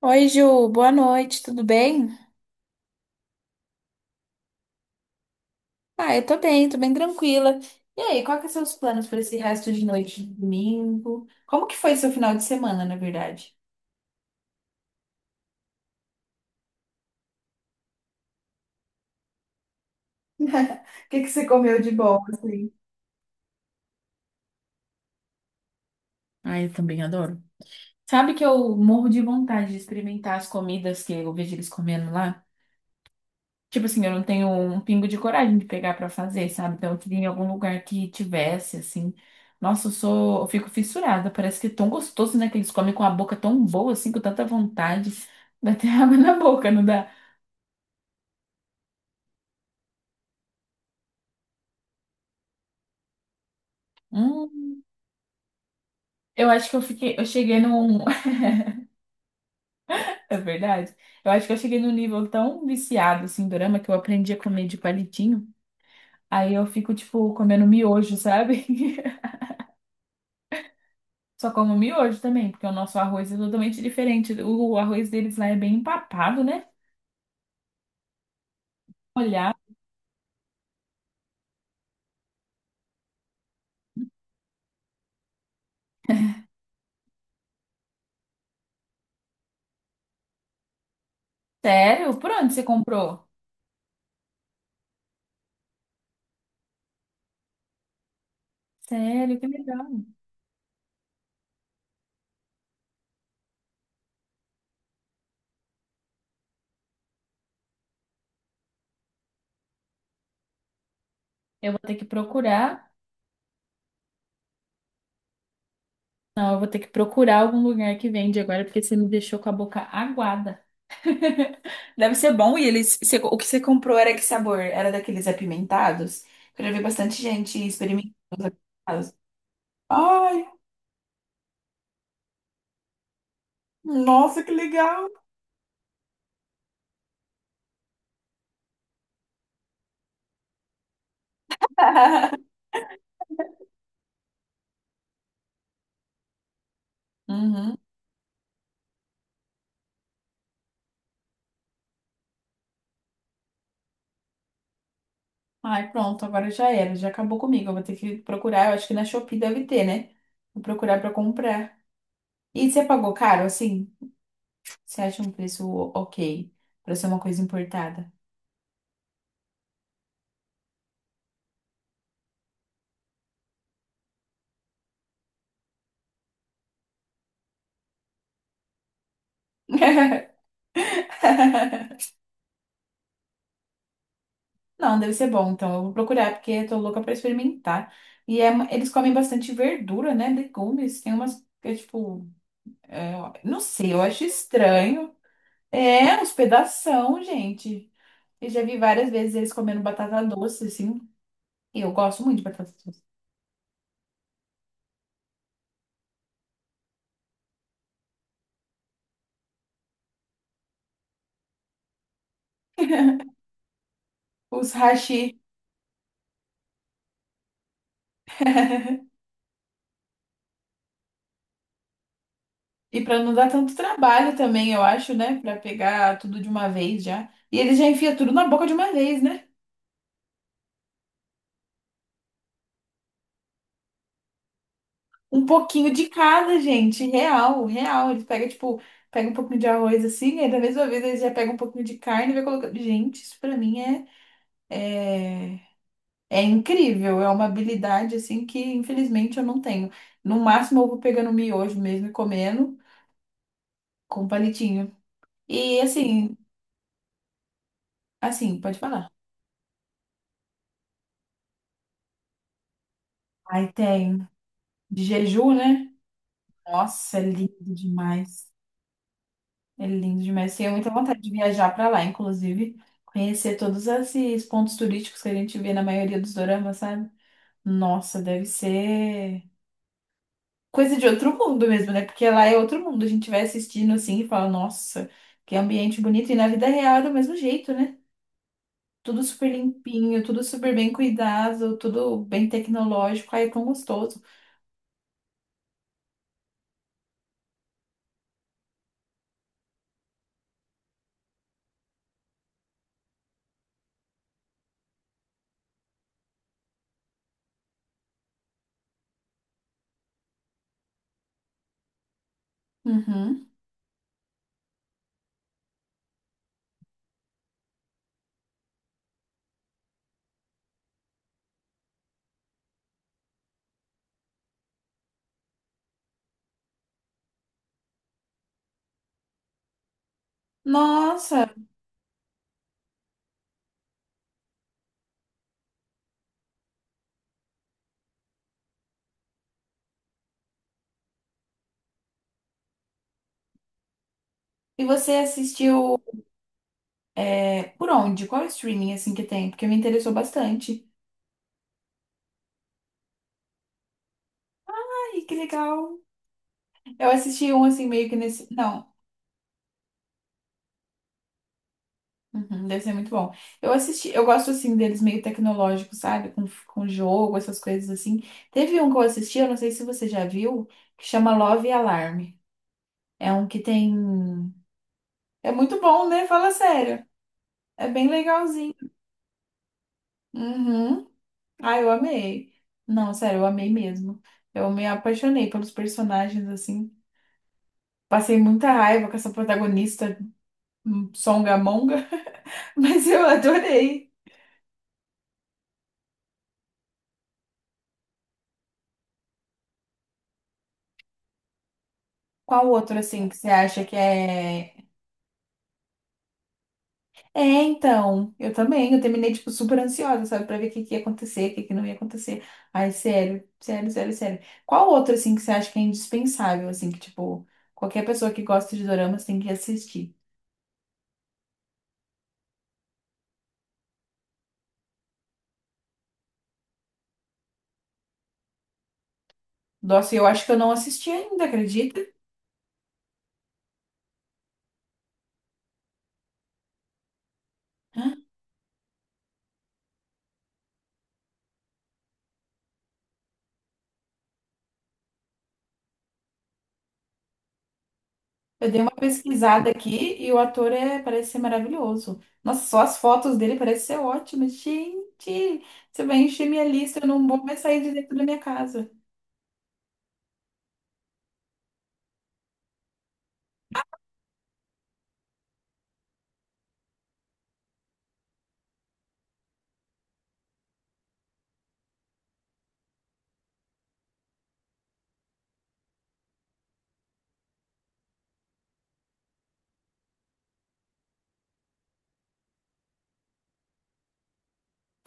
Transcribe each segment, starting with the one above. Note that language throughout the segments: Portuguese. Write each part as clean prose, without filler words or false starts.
Oi, Ju, boa noite, tudo bem? Ah, eu tô bem tranquila. E aí, qual que são os planos para esse resto de noite de domingo? Como que foi seu final de semana, na verdade? O que que você comeu de bom, assim? Ah, eu também adoro. Sabe que eu morro de vontade de experimentar as comidas que eu vejo eles comendo lá? Tipo assim, eu não tenho um pingo de coragem de pegar pra fazer, sabe? Então eu queria em algum lugar que tivesse, assim. Nossa, eu fico fissurada. Parece que é tão gostoso, né? Que eles comem com a boca tão boa, assim, com tanta vontade. Dá até água na boca, não dá? Hum, eu acho que eu cheguei num. É verdade. Eu acho que eu cheguei num nível tão viciado, assim, em dorama, que eu aprendi a comer de palitinho. Aí eu fico, tipo, comendo miojo, sabe? Só como miojo também, porque o nosso arroz é totalmente diferente. O arroz deles lá é bem empapado, né? Olhar? Sério? Por onde você comprou? Sério, que legal. Eu vou ter que procurar. Não, eu vou ter que procurar algum lugar que vende agora, porque você me deixou com a boca aguada. Deve ser bom. E eles, o que você comprou era que sabor? Era daqueles apimentados? Eu já vi bastante gente experimentando os apimentados. Ai, nossa, que legal! Uhum. Ai, pronto, agora já era, já acabou comigo. Eu vou ter que procurar, eu acho que na Shopee deve ter, né? Vou procurar pra comprar. E você pagou caro, assim? Você acha um preço ok pra ser uma coisa importada? Não, deve ser bom, então eu vou procurar, porque eu tô louca pra experimentar. E é eles comem bastante verdura, né? Legumes. Tem umas que é tipo. Não sei, eu acho estranho. É, uns pedação, gente. Eu já vi várias vezes eles comendo batata doce, assim. E eu gosto muito de batata doce. Os hashi. E para não dar tanto trabalho também, eu acho, né? Para pegar tudo de uma vez já. E eles já enfiam tudo na boca de uma vez, né? Um pouquinho de cada, gente. Real, real. Eles pegam, tipo, pega um pouquinho de arroz assim, aí da mesma vez eles já pegam um pouquinho de carne e vai colocando. Gente, isso pra mim é, é incrível. É uma habilidade, assim, que infelizmente eu não tenho. No máximo eu vou pegando miojo mesmo e comendo com palitinho. E assim, pode falar. Aí tem de jejum, né? Nossa, é lindo demais. É lindo demais. Tenho muita vontade de viajar para lá, inclusive, conhecer todos esses pontos turísticos que a gente vê na maioria dos doramas, sabe? Nossa, deve ser coisa de outro mundo mesmo, né? Porque lá é outro mundo. A gente vai assistindo assim e fala, nossa, que ambiente bonito. E na vida real é do mesmo jeito, né? Tudo super limpinho, tudo super bem cuidado, tudo bem tecnológico. Aí é tão gostoso. Uhum. Nossa, e você assistiu. É, por onde? Qual é o streaming assim que tem? Porque me interessou bastante. Ai, que legal. Eu assisti um assim meio que nesse. Não. Uhum, deve ser muito bom. Eu assisti, eu gosto assim deles meio tecnológicos, sabe? Com jogo, essas coisas assim. Teve um que eu assisti, eu não sei se você já viu, que chama Love Alarm. É um que tem. É muito bom, né? Fala sério. É bem legalzinho. Uhum. Ai, eu amei. Não, sério, eu amei mesmo. Eu me apaixonei pelos personagens, assim. Passei muita raiva com essa protagonista songamonga, mas eu adorei. Qual outro, assim, que você acha que é. É, então, eu também. Eu terminei, tipo, super ansiosa, sabe, pra ver o que que ia acontecer, o que que não ia acontecer. Ai, sério, sério, sério, sério. Qual outro, assim, que você acha que é indispensável, assim, que, tipo, qualquer pessoa que gosta de doramas tem que assistir? Nossa, eu acho que eu não assisti ainda, acredita? Eu dei uma pesquisada aqui e o ator é, parece ser maravilhoso. Nossa, só as fotos dele parecem ser ótimas. Gente, você vai encher minha lista, eu não vou mais sair de dentro da minha casa.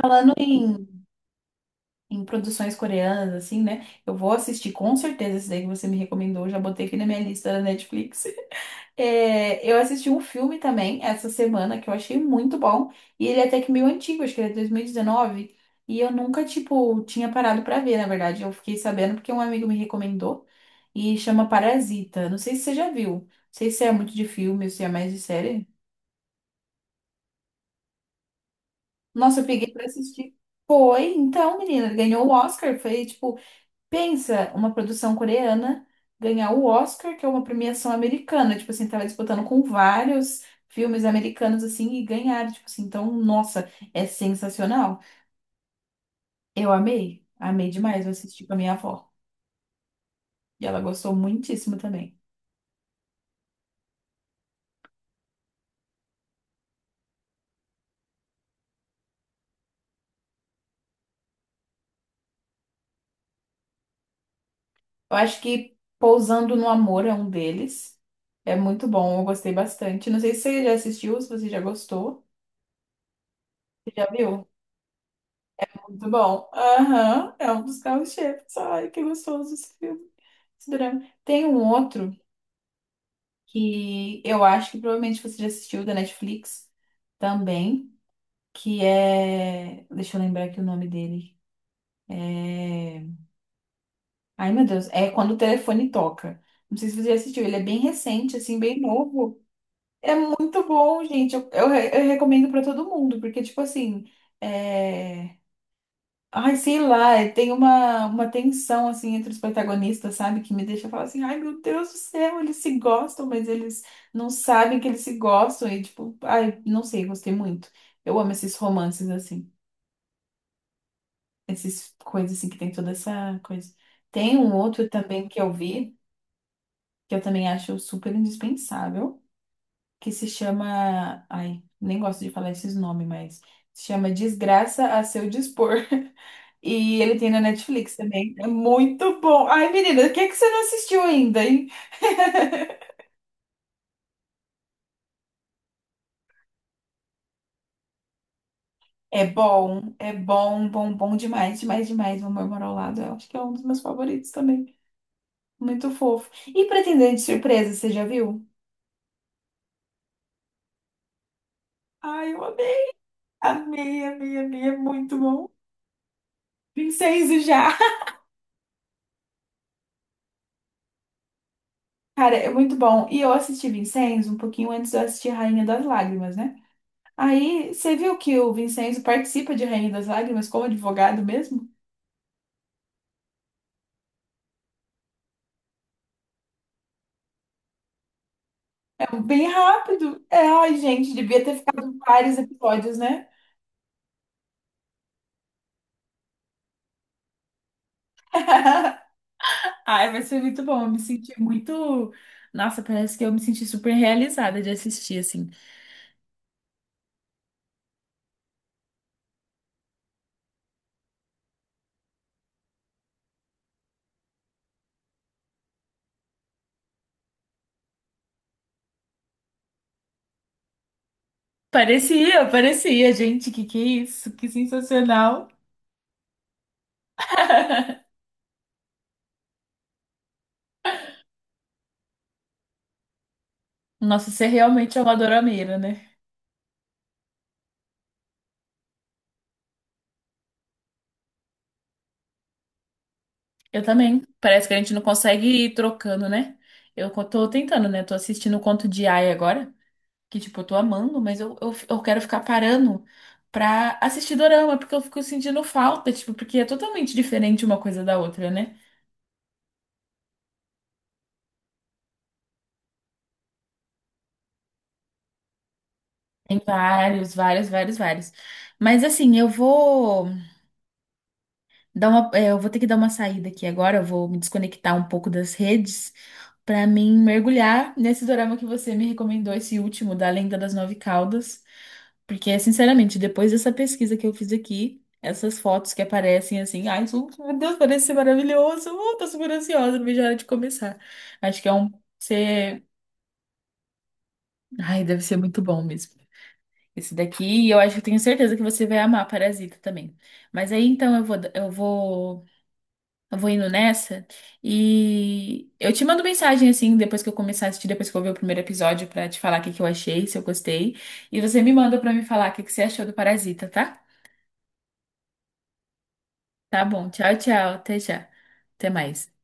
Falando em, produções coreanas, assim, né? Eu vou assistir com certeza esse daí que você me recomendou, já botei aqui na minha lista da Netflix. É, eu assisti um filme também essa semana que eu achei muito bom. E ele é até que meio antigo, acho que ele é 2019. E dezenove. E eu nunca, tipo, tinha parado pra ver, na verdade. Eu fiquei sabendo porque um amigo me recomendou. E chama Parasita. Não sei se você já viu. Não sei se é muito de filme ou se é mais de série. Nossa, eu peguei pra assistir. Foi, então, menina, ele ganhou o Oscar. Foi tipo, pensa, uma produção coreana ganhar o Oscar, que é uma premiação americana. Tipo assim, tava disputando com vários filmes americanos assim e ganharam. Tipo assim, então, nossa, é sensacional. Eu amei, amei demais. Eu assisti com a minha avó. E ela gostou muitíssimo também. Eu acho que Pousando no Amor é um deles. É muito bom, eu gostei bastante. Não sei se você já assistiu, se você já gostou. Você já viu? É muito bom. Aham, é um dos carros-chefes. Ai, que gostoso esse filme, esse drama. Tem um outro que eu acho que provavelmente você já assistiu da Netflix também, que é. Deixa eu lembrar aqui o nome dele. É... Ai, meu Deus, é Quando o Telefone Toca. Não sei se você já assistiu, ele é bem recente, assim, bem novo. Muito bom, gente. Eu recomendo pra todo mundo, porque, tipo assim, é... Ai, sei lá, tem uma tensão, assim, entre os protagonistas, sabe? Que me deixa falar assim, ai, meu Deus do céu, eles se gostam, mas eles não sabem que eles se gostam. E, tipo, ai, não sei, gostei muito. Eu amo esses romances, assim. Essas coisas, assim, que tem toda essa coisa. Tem um outro também que eu vi, que eu também acho super indispensável. Que se chama. Ai, nem gosto de falar esses nomes, mas se chama Desgraça a Seu Dispor. E ele tem na Netflix também. É muito bom. Ai, menina, o que é que você não assistiu ainda, hein? É bom, bom, bom demais, demais, demais. Vou Morar ao Lado. Eu acho que é um dos meus favoritos também. Muito fofo. E Pretendente Surpresa, você já viu? Ai, eu amei, amei, amei, amei. É muito bom. Vincenzo já. Cara, é muito bom. E eu assisti Vincenzo um pouquinho antes de eu assistir Rainha das Lágrimas, né? Aí, você viu que o Vincenzo participa de Rainha das Lágrimas como advogado mesmo? É um bem rápido. É, ai, gente, devia ter ficado vários episódios, né? Ai, vai ser muito bom. Eu me senti muito. Nossa, parece que eu me senti super realizada de assistir, assim. Parecia, parecia, gente, que é isso? Que sensacional. Nossa, você realmente é uma dorameira, né? Eu também. Parece que a gente não consegue ir trocando, né? Tô tentando, né? Tô assistindo o Conto de Aia agora. Que, tipo, eu tô amando, mas eu quero ficar parando pra assistir dorama, porque eu fico sentindo falta, tipo, porque é totalmente diferente uma coisa da outra, né? Tem vários, vários, vários, vários. Mas assim, eu vou. Eu vou ter que dar uma saída aqui agora, eu vou me desconectar um pouco das redes para mim mergulhar nesse dorama que você me recomendou, esse último, da Lenda das Nove Caudas. Porque, sinceramente, depois dessa pesquisa que eu fiz aqui, essas fotos que aparecem assim, ai, isso- meu Deus, parece ser maravilhoso. Tô super ansiosa, não vejo a hora de começar. Acho que é um. Ser... Ai, deve ser muito bom mesmo. Esse daqui, e eu acho que tenho certeza que você vai amar Parasita também. Mas aí então eu vou indo nessa e eu te mando mensagem assim, depois que eu começar a assistir, depois que eu ver o primeiro episódio, pra te falar o que que eu achei, se eu gostei. E você me manda pra me falar o que que você achou do Parasita, tá? Tá bom, tchau, tchau, até já. Até mais.